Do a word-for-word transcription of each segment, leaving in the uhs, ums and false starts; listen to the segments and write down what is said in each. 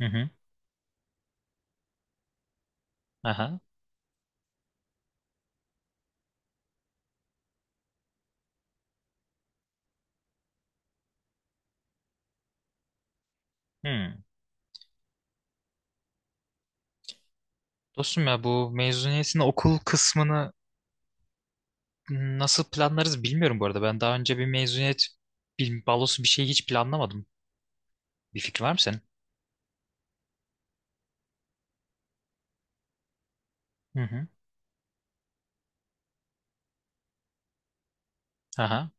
Hı hı. Aha. Hı. Dostum ya bu mezuniyetin okul kısmını nasıl planlarız bilmiyorum bu arada. Ben daha önce bir mezuniyet bil- balosu bir şey hiç planlamadım. Bir fikrin var mı senin? Hı hı. Aha.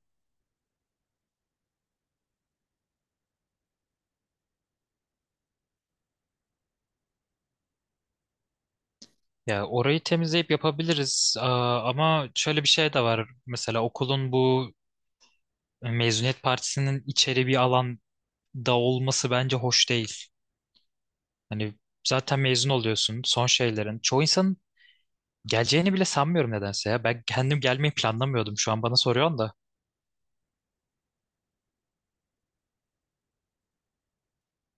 Ya orayı temizleyip yapabiliriz. Aa, ama şöyle bir şey de var. Mesela okulun bu e, mezuniyet partisinin içeri bir alanda olması bence hoş değil. Hani zaten mezun oluyorsun. Son şeylerin. Çoğu insanın geleceğini bile sanmıyorum nedense ya. Ben kendim gelmeyi planlamıyordum. Şu an bana soruyorsun da.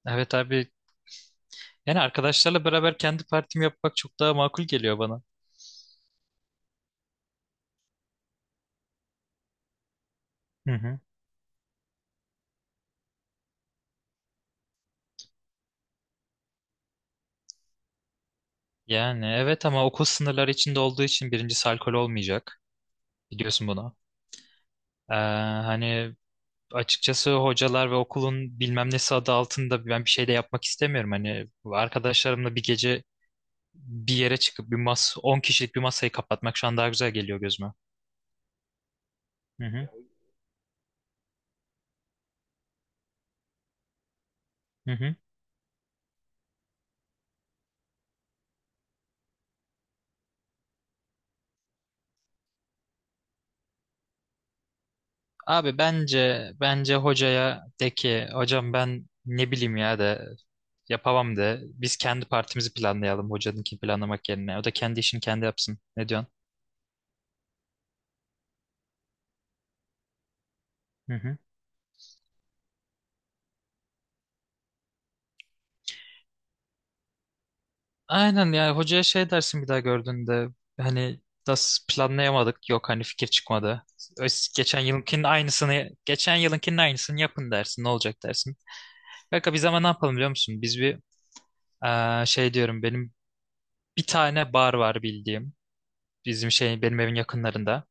Evet abi, yani arkadaşlarla beraber kendi partimi yapmak çok daha makul geliyor bana. Hı hı. Yani evet ama okul sınırları içinde olduğu için birincisi alkol olmayacak. Biliyorsun bunu. Ee, Hani açıkçası hocalar ve okulun bilmem nesi adı altında ben bir şey de yapmak istemiyorum. Hani arkadaşlarımla bir gece bir yere çıkıp bir mas 10 kişilik bir masayı kapatmak şu an daha güzel geliyor gözüme. Hı hı. Hı hı. Abi bence bence hocaya de ki hocam ben ne bileyim ya de. Yapamam de. Biz kendi partimizi planlayalım hocanınki planlamak yerine. O da kendi işini kendi yapsın. Ne diyorsun? Hı hı. Aynen, ya hocaya şey dersin bir daha gördüğünde hani nasıl planlayamadık, yok hani fikir çıkmadı. Öz- Geçen yılınkinin aynısını geçen yılınkinin aynısını yapın dersin, ne olacak dersin. Kanka biz ama ne yapalım biliyor musun? Biz bir eee, şey diyorum, benim bir tane bar var bildiğim. Bizim şey, benim evin yakınlarında.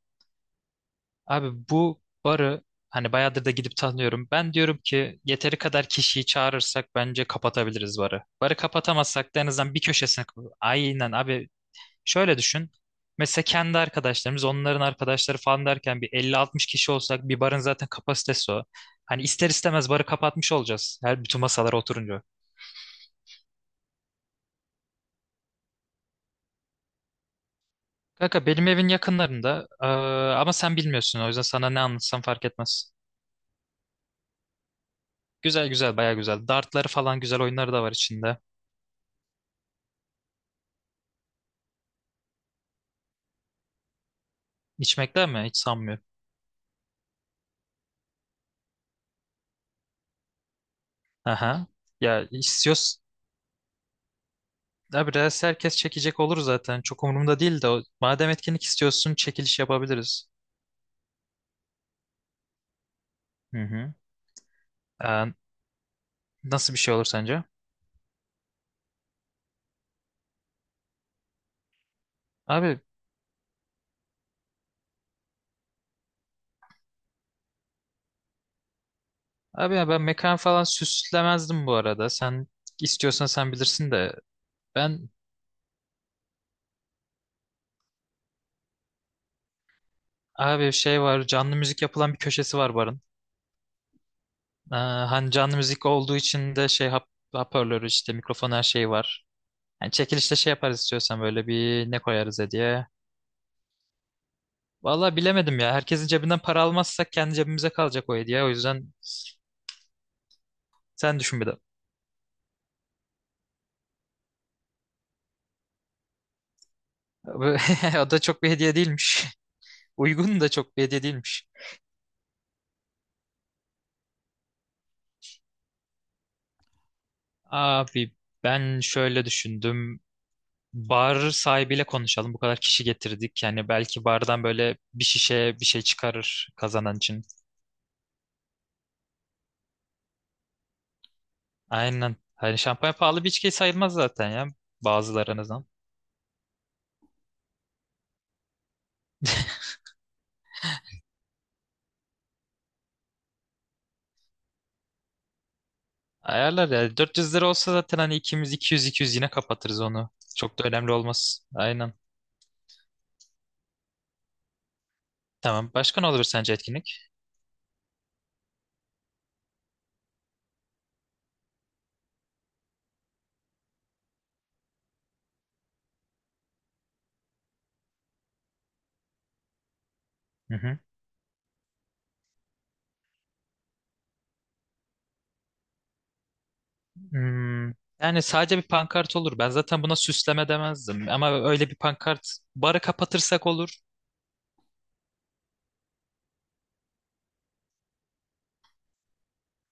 Abi bu barı hani bayağıdır da gidip tanıyorum. Ben diyorum ki yeteri kadar kişiyi çağırırsak bence kapatabiliriz barı. Barı kapatamazsak da en azından bir köşesine. kap- Aynen abi, şöyle düşün. Mesela kendi arkadaşlarımız, onların arkadaşları falan derken bir elli altmış kişi olsak, bir barın zaten kapasitesi o. Hani ister istemez barı kapatmış olacağız. Her bütün masalara oturunca. Kanka benim evin yakınlarında, eee, ama sen bilmiyorsun o yüzden sana ne anlatsam fark etmez. Güzel güzel, baya güzel. Dartları falan güzel oyunları da var içinde. İçmekler mi? Hiç sanmıyorum. Aha. Ya istiyorsun. Abi reels herkes çekecek olur zaten. Çok umurumda değil de o- madem etkinlik istiyorsun çekiliş yapabiliriz. Hı hı. Ee, Nasıl bir şey olur sence? Abi abi ya, ben mekan falan süslemezdim bu arada. Sen istiyorsan sen bilirsin de, ben abi şey var, canlı müzik yapılan bir köşesi var barın. Ee, hani canlı müzik olduğu için de şey, hap, hoparlörü, işte mikrofon, her şey var. Yani çekilişte şey yaparız istiyorsan, böyle bir ne koyarız diye. Vallahi bilemedim ya. Herkesin cebinden para almazsak kendi cebimize kalacak o hediye. O yüzden sen düşün bir de. O da çok bir hediye değilmiş. Uygun da çok bir hediye değilmiş. Abi ben şöyle düşündüm. Bar sahibiyle konuşalım. Bu kadar kişi getirdik. Yani belki bardan böyle bir şişe bir şey çıkarır kazanan için. Aynen. Hani şampanya pahalı bir içki sayılmaz zaten ya. Bazıları en azından. Ayarlar ya. 400 lira olsa zaten hani ikimiz iki yüz iki yüz yine kapatırız onu. Çok da önemli olmaz. Aynen. Tamam. Başka ne olabilir sence etkinlik? Hı hı. Hmm, yani sadece bir pankart olur. Ben zaten buna süsleme demezdim. Ama öyle bir pankart, barı kapatırsak olur.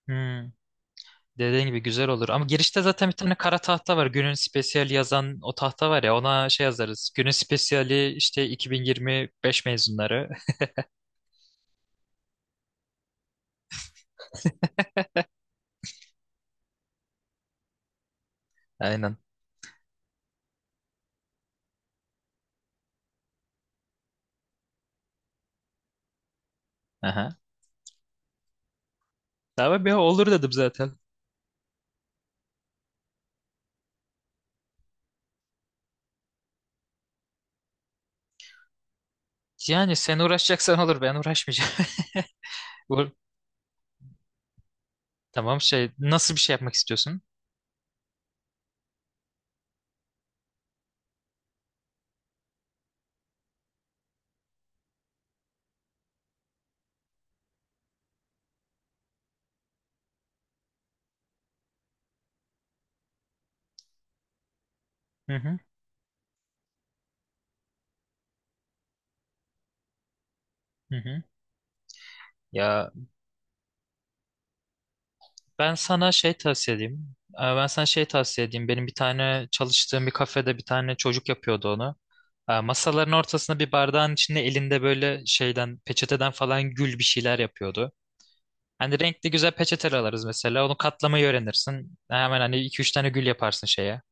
Hmm. Dediğin gibi güzel olur. Ama girişte zaten bir tane kara tahta var. Günün spesiyali yazan o tahta var ya, ona şey yazarız. Günün spesiyali, işte iki bin yirmi beş mezunları. Aynen. Aha. Tamam ya, olur dedim zaten. Yani sen uğraşacaksan olur, ben uğraşmayacağım. Bu- Tamam, şey nasıl bir şey yapmak istiyorsun? Hı hı, hı hı. Ya ben sana şey tavsiye edeyim. Ee, Ben sana şey tavsiye edeyim. Benim bir tane çalıştığım bir kafede bir tane çocuk yapıyordu onu. Ee, Masaların ortasına, bir bardağın içinde, elinde böyle şeyden, peçeteden falan gül bir şeyler yapıyordu. Hani renkli güzel peçeteler alırız mesela. Onu katlamayı öğrenirsin. Hemen hani iki üç tane gül yaparsın şeye.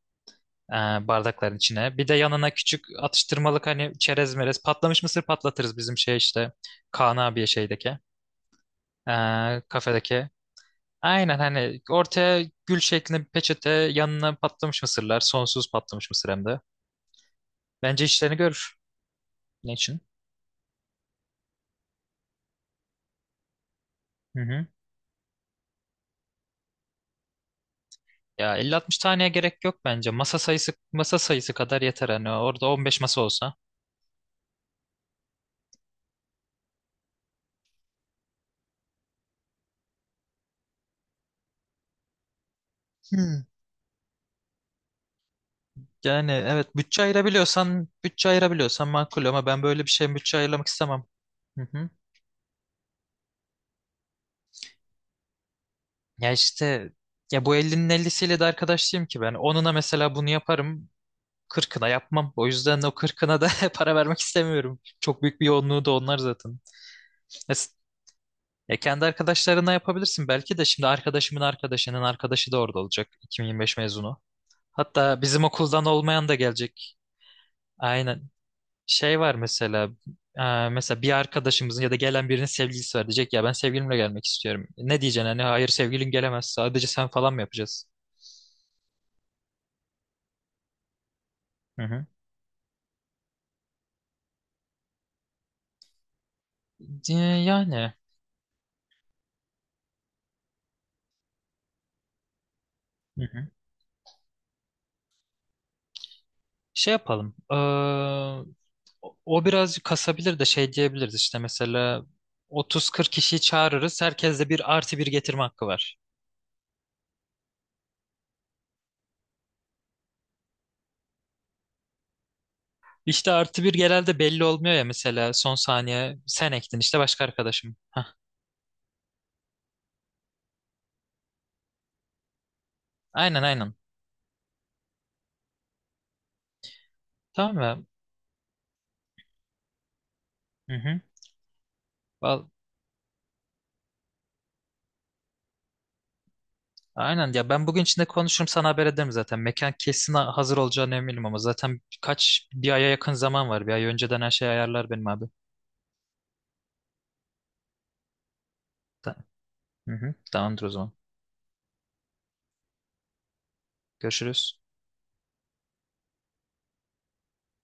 e, Bardakların içine. Bir de yanına küçük atıştırmalık, hani çerez merez, patlamış mısır patlatırız bizim şey işte, Kaan abiye şeydeki. Ee, kafedeki. Aynen, hani ortaya gül şeklinde bir peçete, yanına patlamış mısırlar. Sonsuz patlamış mısır hem de. Bence işlerini görür. Ne için? Hı hı. Ya elli altmış taneye gerek yok bence. Masa sayısı masa sayısı kadar yeter, hani orada on beş masa olsa. Hmm. Yani evet, bütçe ayırabiliyorsan bütçe ayırabiliyorsan makul, ama ben böyle bir şey, bütçe ayırmak istemem. Hı hı. Ya işte, ya bu ellinin ellisiyle de arkadaş değilim ki ben. Onuna mesela bunu yaparım. Kırkına yapmam. O yüzden o kırkına da para vermek istemiyorum. Çok büyük bir yoğunluğu da onlar zaten. Ya, s- ya kendi arkadaşlarına yapabilirsin. Belki de şimdi arkadaşımın arkadaşının arkadaşı da orada olacak. iki bin yirmi beş mezunu. Hatta bizim okuldan olmayan da gelecek. Aynen. Şey var mesela. E, mesela bir arkadaşımızın ya da gelen birinin sevgilisi var. Diyecek ya, ben sevgilimle gelmek istiyorum. Ne diyeceksin, hani hayır sevgilin gelemez, sadece sen falan mı yapacağız? Hı hı. E, Yani. Hı hı. Şey yapalım. O o birazcık kasabilir de şey diyebiliriz işte, mesela otuz kırk kişiyi çağırırız. Herkeste bir artı bir getirme hakkı var. İşte artı bir genelde belli olmuyor ya, mesela son saniye sen ektin, işte başka arkadaşım. Hah. Aynen aynen. Tamam mı? Hı hı. Val- Aynen ya, ben bugün içinde konuşurum, sana haber ederim zaten. Mekan kesin ha- hazır olacağına eminim, ama zaten kaç bir aya yakın zaman var. Bir ay önceden her şeyi ayarlar benim abi. Ta- Hı hı. Tamamdır o zaman. Görüşürüz.